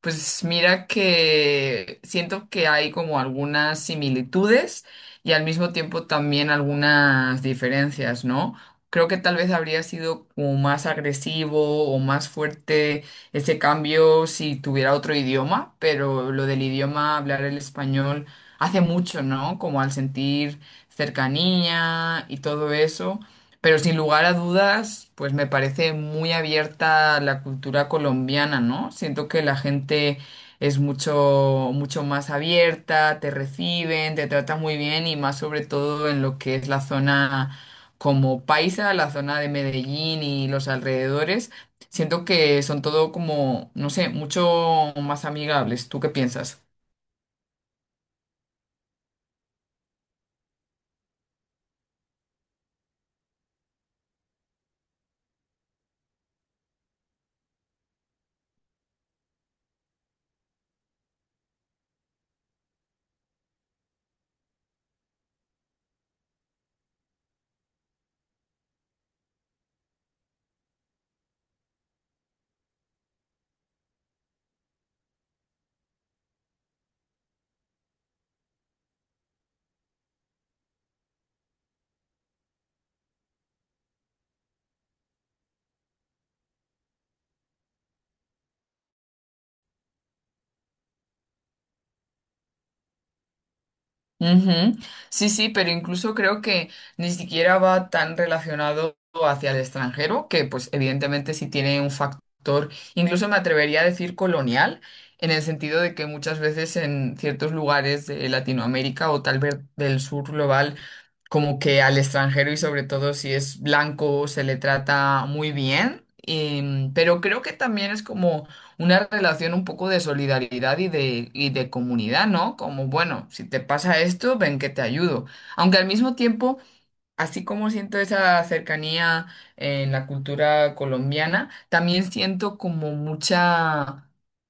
Pues mira que siento que hay como algunas similitudes y al mismo tiempo también algunas diferencias, ¿no? Creo que tal vez habría sido como más agresivo o más fuerte ese cambio si tuviera otro idioma, pero lo del idioma, hablar el español, hace mucho, ¿no? Como al sentir cercanía y todo eso. Pero sin lugar a dudas, pues me parece muy abierta la cultura colombiana, ¿no? Siento que la gente es mucho, mucho más abierta, te reciben, te tratan muy bien y más sobre todo en lo que es la zona como paisa, la zona de Medellín y los alrededores. Siento que son todo como, no sé, mucho más amigables. ¿Tú qué piensas? Ujú. Sí, sí, pero incluso creo que ni siquiera va tan relacionado hacia el extranjero, que pues evidentemente sí tiene un factor, incluso me atrevería a decir colonial, en el sentido de que muchas veces en ciertos lugares de Latinoamérica o tal vez del sur global, como que al extranjero y sobre todo si es blanco se le trata muy bien, pero creo que también es como una relación un poco de solidaridad y de comunidad, ¿no? Como, bueno, si te pasa esto, ven que te ayudo. Aunque al mismo tiempo, así como siento esa cercanía en la cultura colombiana, también siento como mucha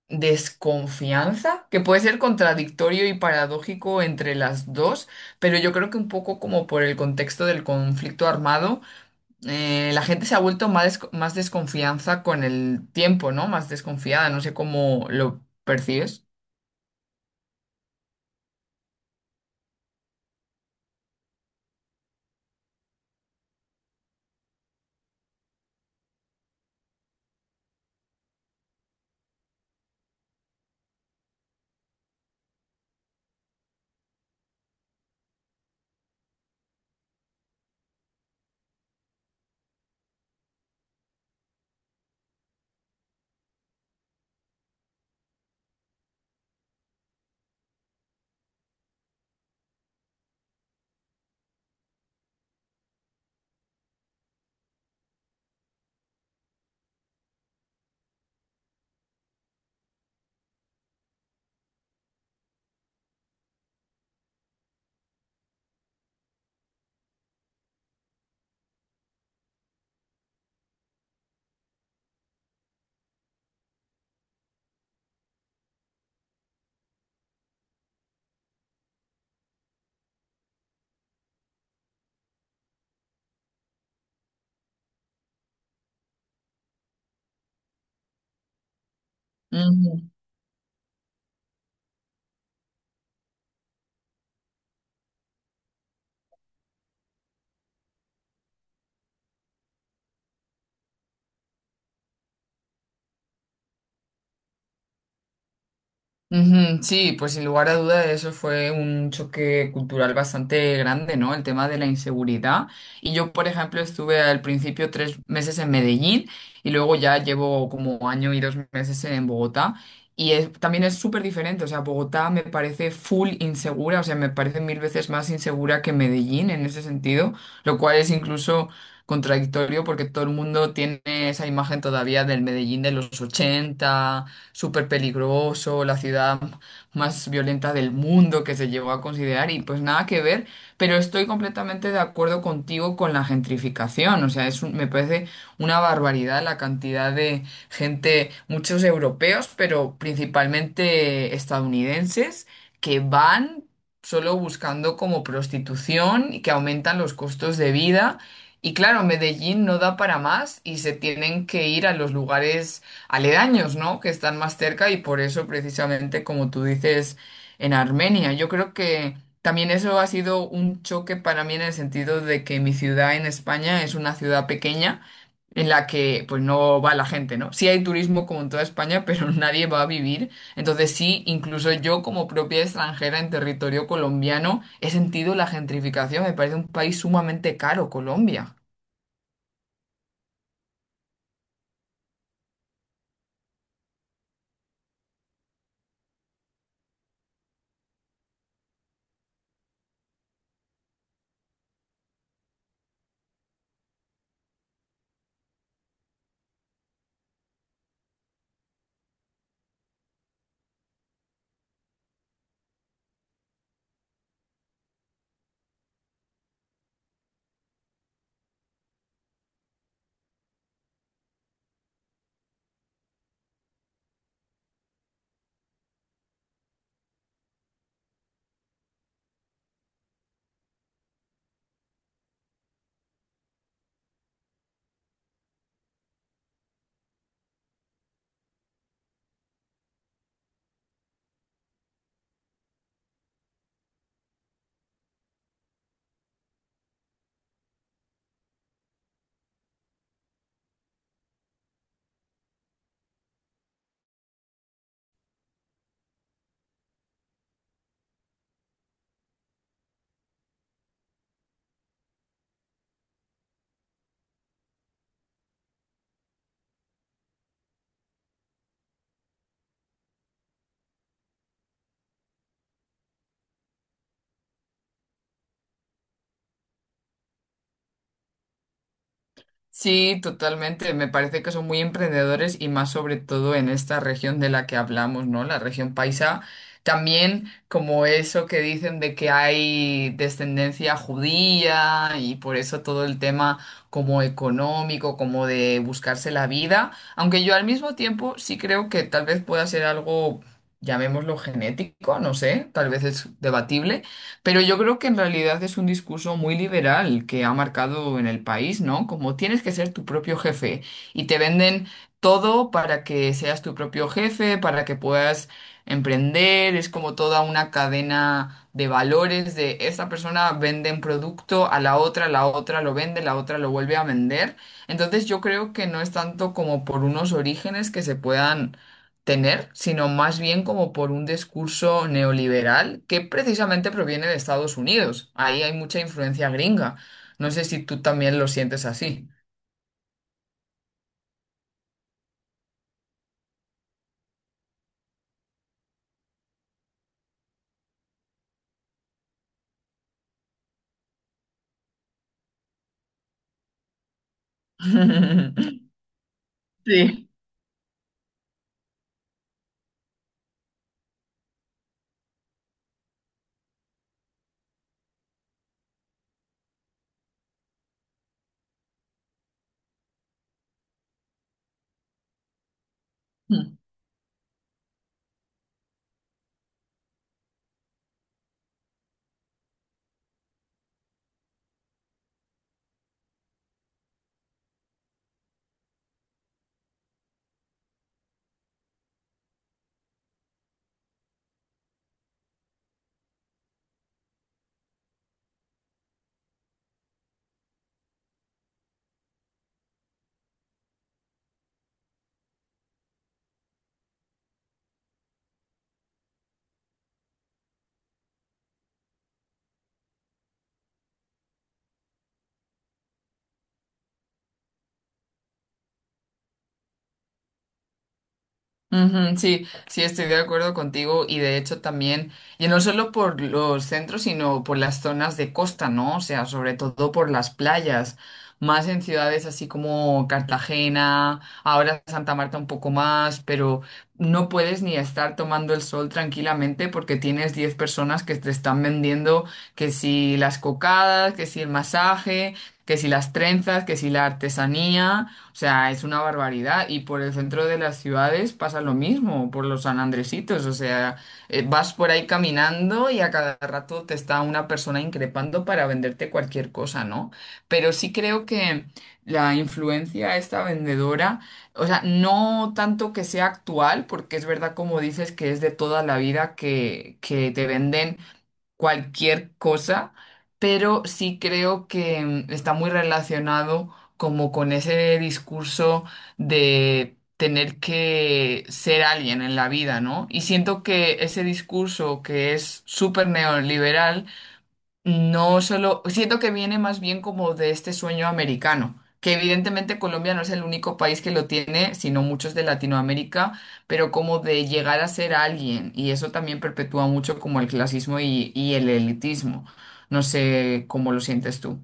desconfianza, que puede ser contradictorio y paradójico entre las dos, pero yo creo que un poco como por el contexto del conflicto armado la gente se ha vuelto más, más desconfianza con el tiempo, ¿no? Más desconfiada, no sé cómo lo percibes. Ujú. Sí, pues sin lugar a duda eso fue un choque cultural bastante grande, ¿no? El tema de la inseguridad. Y yo, por ejemplo, estuve al principio 3 meses en Medellín y luego ya llevo como año y 2 meses en Bogotá. También es súper diferente, o sea, Bogotá me parece full insegura, o sea, me parece mil veces más insegura que Medellín en ese sentido, lo cual es incluso contradictorio porque todo el mundo tiene esa imagen todavía del Medellín de los 80 súper peligroso, la ciudad más violenta del mundo que se llegó a considerar y pues nada que ver, pero estoy completamente de acuerdo contigo con la gentrificación, o sea, me parece una barbaridad la cantidad de gente, muchos europeos, pero principalmente estadounidenses, que van solo buscando como prostitución y que aumentan los costos de vida. Y claro, Medellín no da para más y se tienen que ir a los lugares aledaños, ¿no? Que están más cerca y por eso precisamente, como tú dices, en Armenia. Yo creo que también eso ha sido un choque para mí en el sentido de que mi ciudad en España es una ciudad pequeña en la que pues no va la gente, ¿no? Sí hay turismo como en toda España, pero nadie va a vivir. Entonces sí, incluso yo como propia extranjera en territorio colombiano he sentido la gentrificación. Me parece un país sumamente caro, Colombia. Sí, totalmente. Me parece que son muy emprendedores y más sobre todo en esta región de la que hablamos, ¿no? La región paisa. También como eso que dicen de que hay descendencia judía y por eso todo el tema como económico, como de buscarse la vida. Aunque yo al mismo tiempo sí creo que tal vez pueda ser algo, llamémoslo genético, no sé, tal vez es debatible, pero yo creo que en realidad es un discurso muy liberal que ha marcado en el país, ¿no? Como tienes que ser tu propio jefe y te venden todo para que seas tu propio jefe, para que puedas emprender, es como toda una cadena de valores de esta persona vende un producto a la otra lo vende, la otra lo vuelve a vender. Entonces yo creo que no es tanto como por unos orígenes que se puedan tener, sino más bien como por un discurso neoliberal que precisamente proviene de Estados Unidos. Ahí hay mucha influencia gringa. No sé si tú también lo sientes así. Sí. Ujú, sí, sí, estoy de acuerdo contigo y de hecho también, y no solo por los centros, sino por las zonas de costa, ¿no? O sea, sobre todo por las playas, más en ciudades así como Cartagena, ahora Santa Marta un poco más, pero no puedes ni estar tomando el sol tranquilamente porque tienes 10 personas que te están vendiendo que si las cocadas, que si el masaje, que si las trenzas, que si la artesanía. O sea, es una barbaridad. Y por el centro de las ciudades pasa lo mismo, por los San Andresitos. O sea, vas por ahí caminando y a cada rato te está una persona increpando para venderte cualquier cosa, ¿no? Pero sí creo que la influencia de esta vendedora, o sea, no tanto que sea actual, porque es verdad como dices que es de toda la vida que, te venden cualquier cosa, pero sí creo que está muy relacionado como con ese discurso de tener que ser alguien en la vida, ¿no? Y siento que ese discurso que es súper neoliberal no solo, siento que viene más bien como de este sueño americano, que evidentemente Colombia no es el único país que lo tiene, sino muchos de Latinoamérica, pero como de llegar a ser alguien, y eso también perpetúa mucho como el clasismo y el elitismo. No sé cómo lo sientes tú.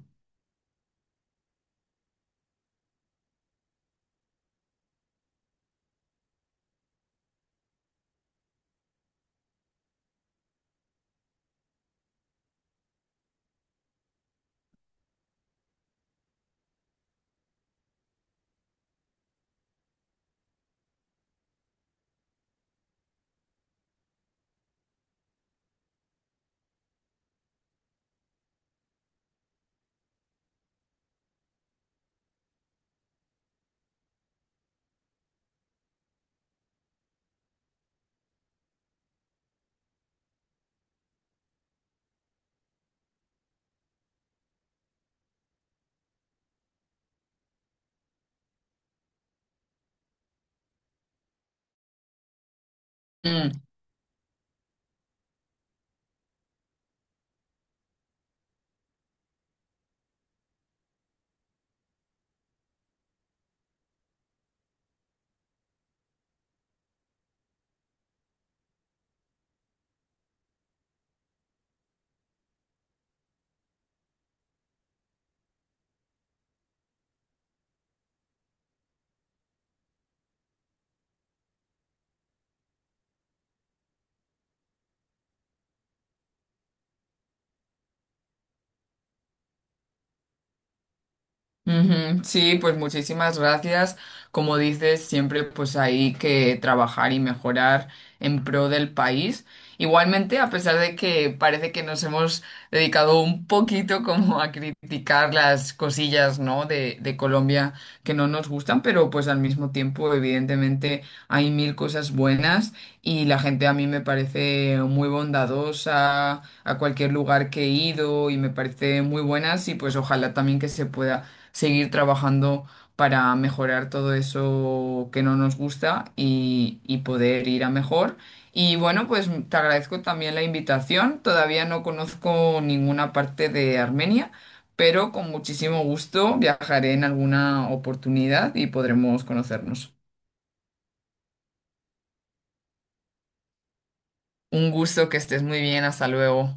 Ujú. Sí, pues muchísimas gracias. Como dices, siempre pues hay que trabajar y mejorar en pro del país. Igualmente, a pesar de que parece que nos hemos dedicado un poquito como a criticar las cosillas, ¿no? de, Colombia que no nos gustan, pero pues al mismo tiempo, evidentemente, hay mil cosas buenas y la gente a mí me parece muy bondadosa a cualquier lugar que he ido y me parece muy buenas y pues ojalá también que se pueda seguir trabajando para mejorar todo eso que no nos gusta y poder ir a mejor. Y bueno, pues te agradezco también la invitación. Todavía no conozco ninguna parte de Armenia, pero con muchísimo gusto viajaré en alguna oportunidad y podremos conocernos. Un gusto que estés muy bien. Hasta luego.